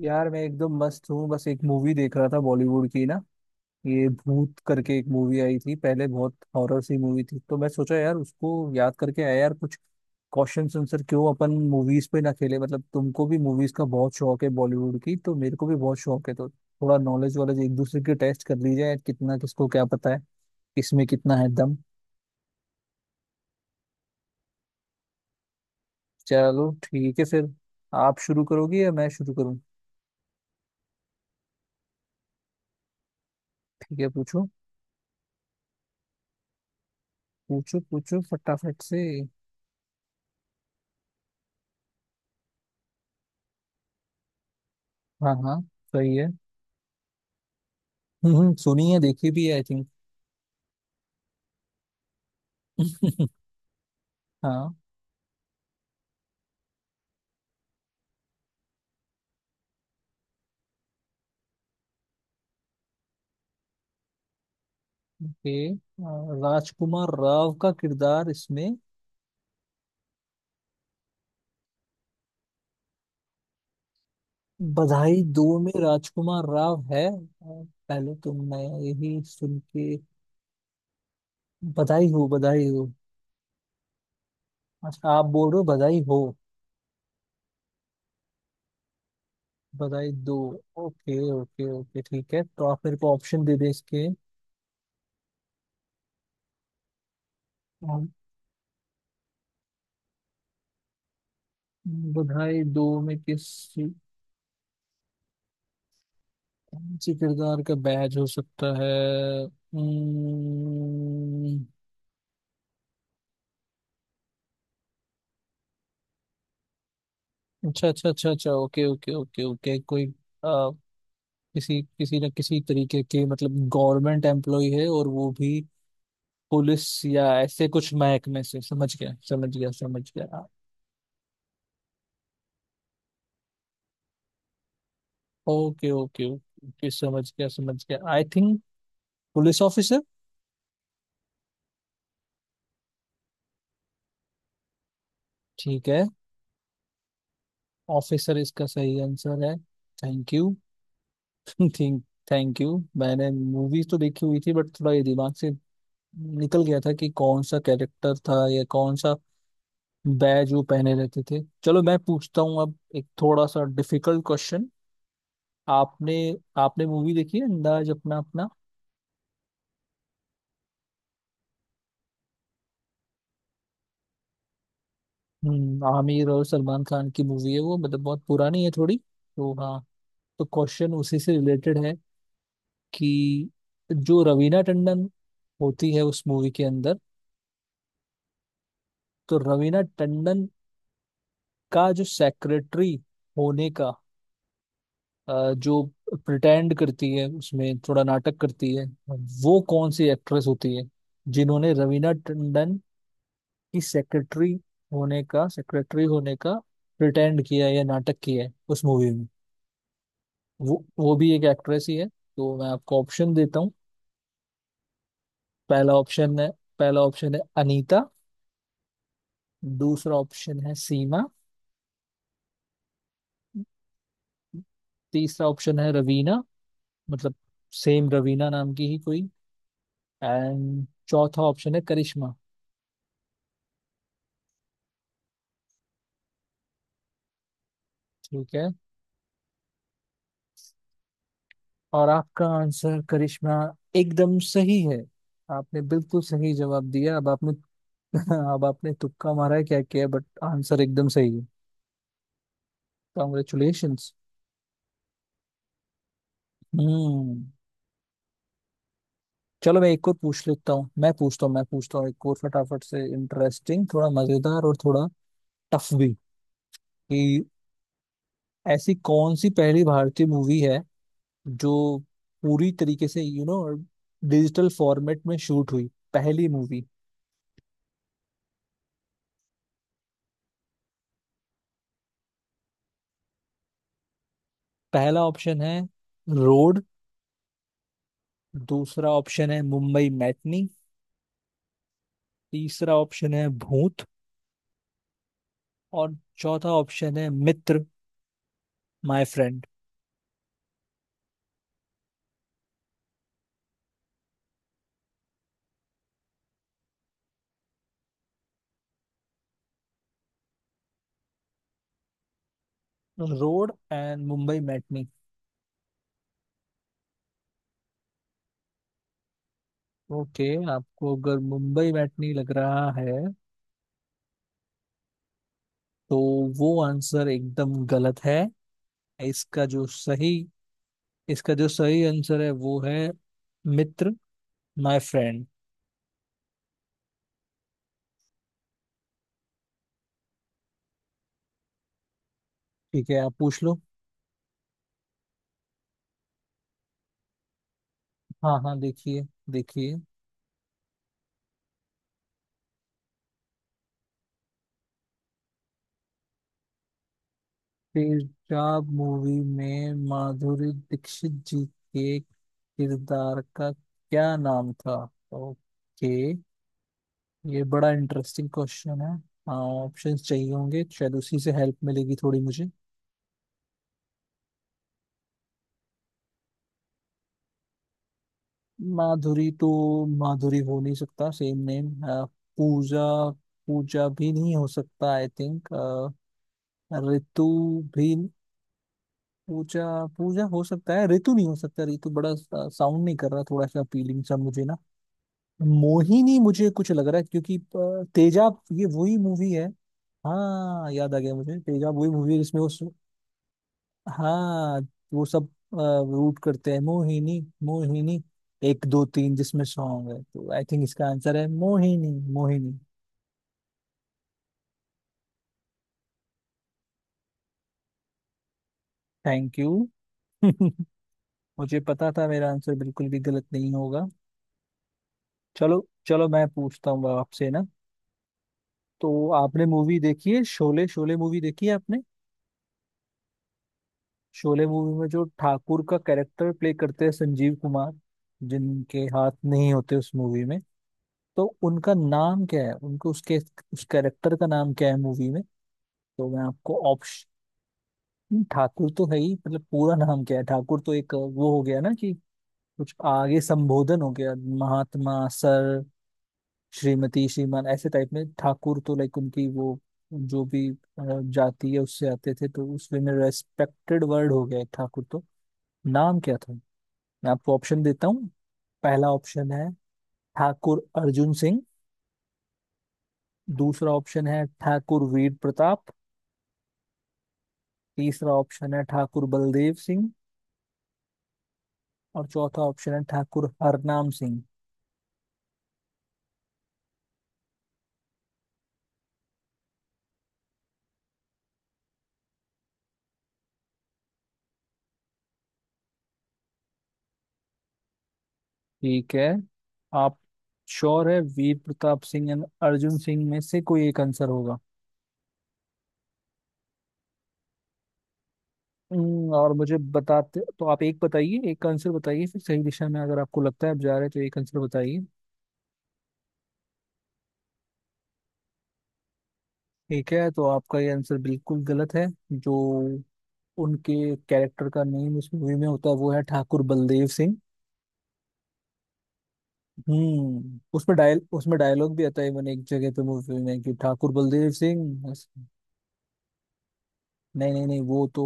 यार मैं एकदम मस्त हूँ। बस एक मूवी देख रहा था बॉलीवुड की ना, ये भूत करके एक मूवी आई थी पहले, बहुत हॉरर सी मूवी थी। तो मैं सोचा यार उसको याद करके आया यार, कुछ क्वेश्चन आंसर क्यों अपन मूवीज पे ना खेले। मतलब तुमको भी मूवीज का बहुत शौक है बॉलीवुड की, तो मेरे को भी बहुत शौक है, तो थोड़ा नॉलेज वॉलेज एक दूसरे की टेस्ट कर ली जाए, कितना किसको क्या पता है, किसमें कितना है दम। चलो ठीक है फिर। आप शुरू करोगी या मैं शुरू करूँ? ठीक है, पूछो। पूछो फटाफट से। हाँ हाँ, सही है। सुनी है, देखी भी है आई थिंक। हाँ। ओके, राजकुमार राव का किरदार इसमें। बधाई दो में राजकुमार राव है। पहले तो मैं यही सुन के बधाई हो, बधाई हो। अच्छा, आप बोल रहे हो बधाई हो। बधाई दो। ओके ओके ओके, ठीक है तो आप मेरे को ऑप्शन दे दे इसके। अम, बधाई दो में किस, कौन से किरदार का बैज हो सकता है। अम्म, अच्छा अच्छा अच्छा अच्छा, ओके ओके ओके ओके, कोई आ, किसी किसी न किसी तरीके के मतलब गवर्नमेंट एम्प्लॉय है, और वो भी पुलिस या ऐसे कुछ महकमे से। समझ गया समझ गया समझ गया। ओके ओके ओके, समझ गया आई थिंक पुलिस ऑफिसर। ठीक है, ऑफिसर इसका सही आंसर है। Thank you. Think, thank you. मैंने मूवीज तो देखी हुई थी बट थोड़ा ये दिमाग से निकल गया था कि कौन सा कैरेक्टर था या कौन सा बैज वो पहने रहते थे। चलो मैं पूछता हूँ अब, एक थोड़ा सा डिफिकल्ट क्वेश्चन। आपने आपने मूवी देखी है अंदाज अपना अपना? हम्म, आमिर और सलमान खान की मूवी है वो, मतलब बहुत पुरानी है थोड़ी, तो हाँ, तो क्वेश्चन उसी से रिलेटेड है कि जो रवीना टंडन होती है उस मूवी के अंदर, तो रवीना टंडन का जो सेक्रेटरी होने का जो प्रिटेंड करती है, उसमें थोड़ा नाटक करती है, वो कौन सी एक्ट्रेस होती है जिन्होंने रवीना टंडन की सेक्रेटरी होने का प्रिटेंड किया है या नाटक किया है उस मूवी में। वो भी एक एक्ट्रेस ही है। तो मैं आपको ऑप्शन देता हूँ। पहला ऑप्शन है पहला ऑप्शन है अनीता। दूसरा ऑप्शन है सीमा। तीसरा ऑप्शन है रवीना, मतलब सेम रवीना नाम की ही कोई। एंड चौथा ऑप्शन है करिश्मा। ठीक है, और आपका आंसर करिश्मा एकदम सही है। आपने बिल्कुल सही जवाब दिया। अब आपने, अब आपने तुक्का मारा है क्या किया, बट आंसर एकदम सही है। कॉन्ग्रेचुलेशंस। हम्म। चलो मैं एक और पूछ लेता हूँ। मैं पूछता हूँ एक और फटाफट से, इंटरेस्टिंग, थोड़ा मजेदार और थोड़ा टफ भी। कि ऐसी कौन सी पहली भारतीय मूवी है जो पूरी तरीके से डिजिटल फॉर्मेट में शूट हुई, पहली मूवी। पहला ऑप्शन है रोड। दूसरा ऑप्शन है मुंबई मैटनी। तीसरा ऑप्शन है भूत। और चौथा ऑप्शन है Mitr my friend. Road and Mumbai matinee. Okay, आपको अगर मुंबई मैटनी लग रहा है तो वो आंसर एकदम गलत है। इसका जो सही इसका जो सही आंसर है वो है मित्र माय फ्रेंड। ठीक है, आप पूछ लो। हाँ हाँ, देखिए देखिए। तेजाब मूवी में माधुरी दीक्षित जी के किरदार का क्या नाम था? ओके, ये बड़ा इंटरेस्टिंग क्वेश्चन है। हाँ, ऑप्शंस चाहिए होंगे, शायद उसी से हेल्प मिलेगी थोड़ी मुझे। माधुरी तो, माधुरी हो नहीं सकता सेम नेम। पूजा, पूजा भी नहीं हो सकता आई थिंक। ऋतु भी, पूजा, पूजा हो सकता है, ऋतु नहीं हो सकता, ऋतु बड़ा साउंड नहीं कर रहा थोड़ा सा, फीलिंग सा मुझे ना। मोहिनी मुझे कुछ लग रहा है, क्योंकि तेजाब ये वही मूवी है, हाँ याद आ गया मुझे, तेजाब वही मूवी है जिसमें वो हाँ, वो सब रूट करते हैं मोहिनी मोहिनी, एक दो तीन जिसमें सॉन्ग है। तो आई थिंक इसका आंसर है मोहिनी मोहिनी। Thank you. मुझे पता था मेरा आंसर बिल्कुल भी गलत नहीं होगा। चलो चलो मैं पूछता हूँ आपसे ना, तो आपने मूवी देखी है शोले? शोले मूवी देखी है आपने? शोले मूवी में जो ठाकुर का कैरेक्टर प्ले करते हैं संजीव कुमार, जिनके हाथ नहीं होते उस मूवी में, तो उनका नाम क्या है, उनको उसके, उस कैरेक्टर का नाम क्या है मूवी में? तो मैं आपको ऑप्शन। ठाकुर तो है ही, मतलब पूरा नाम क्या है? ठाकुर तो एक वो हो गया ना कि कुछ आगे संबोधन हो गया, महात्मा, सर, श्रीमती, श्रीमान ऐसे टाइप में। ठाकुर तो लाइक उनकी वो जो भी जाति है उससे आते थे, तो उसमें रेस्पेक्टेड वर्ड हो गया एक ठाकुर, तो नाम क्या था? मैं आपको ऑप्शन देता हूँ। पहला ऑप्शन है ठाकुर अर्जुन सिंह। दूसरा ऑप्शन है ठाकुर वीर प्रताप। तीसरा ऑप्शन है ठाकुर बलदेव सिंह। और चौथा ऑप्शन है ठाकुर हरनाम सिंह। ठीक है, आप श्योर है वीर प्रताप सिंह एंड अर्जुन सिंह में से कोई एक आंसर होगा? और मुझे बताते तो आप, एक बताइए, एक आंसर बताइए। फिर सही दिशा में अगर आपको लगता है आप जा रहे हैं, तो एक आंसर बताइए। ठीक है, तो आपका ये आंसर बिल्कुल गलत है। जो उनके कैरेक्टर का नेम उस मूवी में होता है वो है ठाकुर बलदेव सिंह। हम्म, उसमें डायलॉग भी आता है इवन एक जगह पे मूवी में कि ठाकुर बलदेव सिंह बस- नहीं नहीं नहीं, वो तो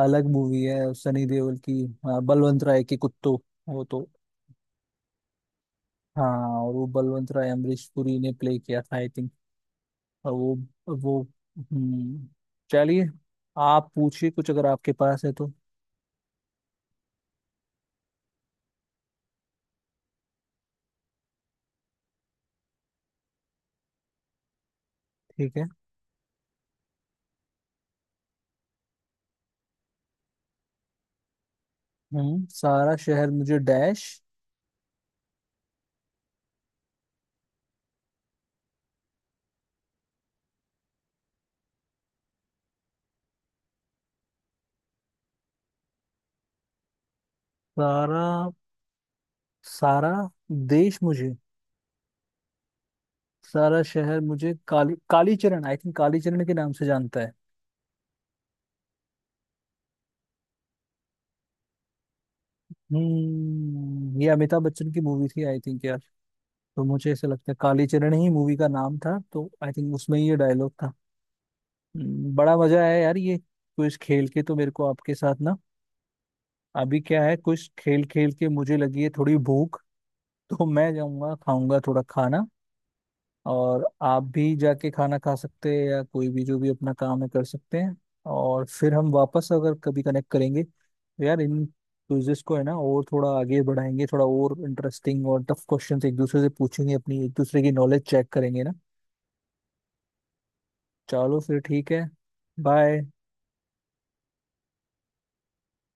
अलग मूवी है सनी देओल की। हाँ, बलवंत राय के कुत्तो, वो तो, हाँ, और वो बलवंत राय अमरीश पुरी ने प्ले किया था आई थिंक। और वो। हम्म, चलिए, आप पूछिए कुछ अगर आपके पास है तो। ठीक है। हम्म, सारा शहर मुझे डैश। सारा सारा देश मुझे, सारा शहर मुझे काली, कालीचरण आई थिंक, कालीचरण के नाम से जानता है। हम्म, ये अमिताभ बच्चन की मूवी थी आई थिंक यार, तो मुझे ऐसा लगता है कालीचरण ही मूवी का नाम था, तो आई थिंक उसमें ही ये डायलॉग था। बड़ा मजा आया यार ये कुछ खेल के तो मेरे को आपके साथ ना। अभी क्या है, कुछ खेल खेल के मुझे लगी है थोड़ी भूख, तो मैं जाऊंगा, खाऊंगा थोड़ा खाना, और आप भी जाके खाना खा सकते हैं या कोई भी जो भी अपना काम है कर सकते हैं। और फिर हम वापस अगर कभी कनेक्ट करेंगे तो यार इन क्विजेस को है ना और थोड़ा आगे बढ़ाएंगे, थोड़ा और इंटरेस्टिंग और टफ क्वेश्चन एक दूसरे से पूछेंगे, अपनी एक दूसरे की नॉलेज चेक करेंगे ना। चलो फिर, ठीक है, बाय।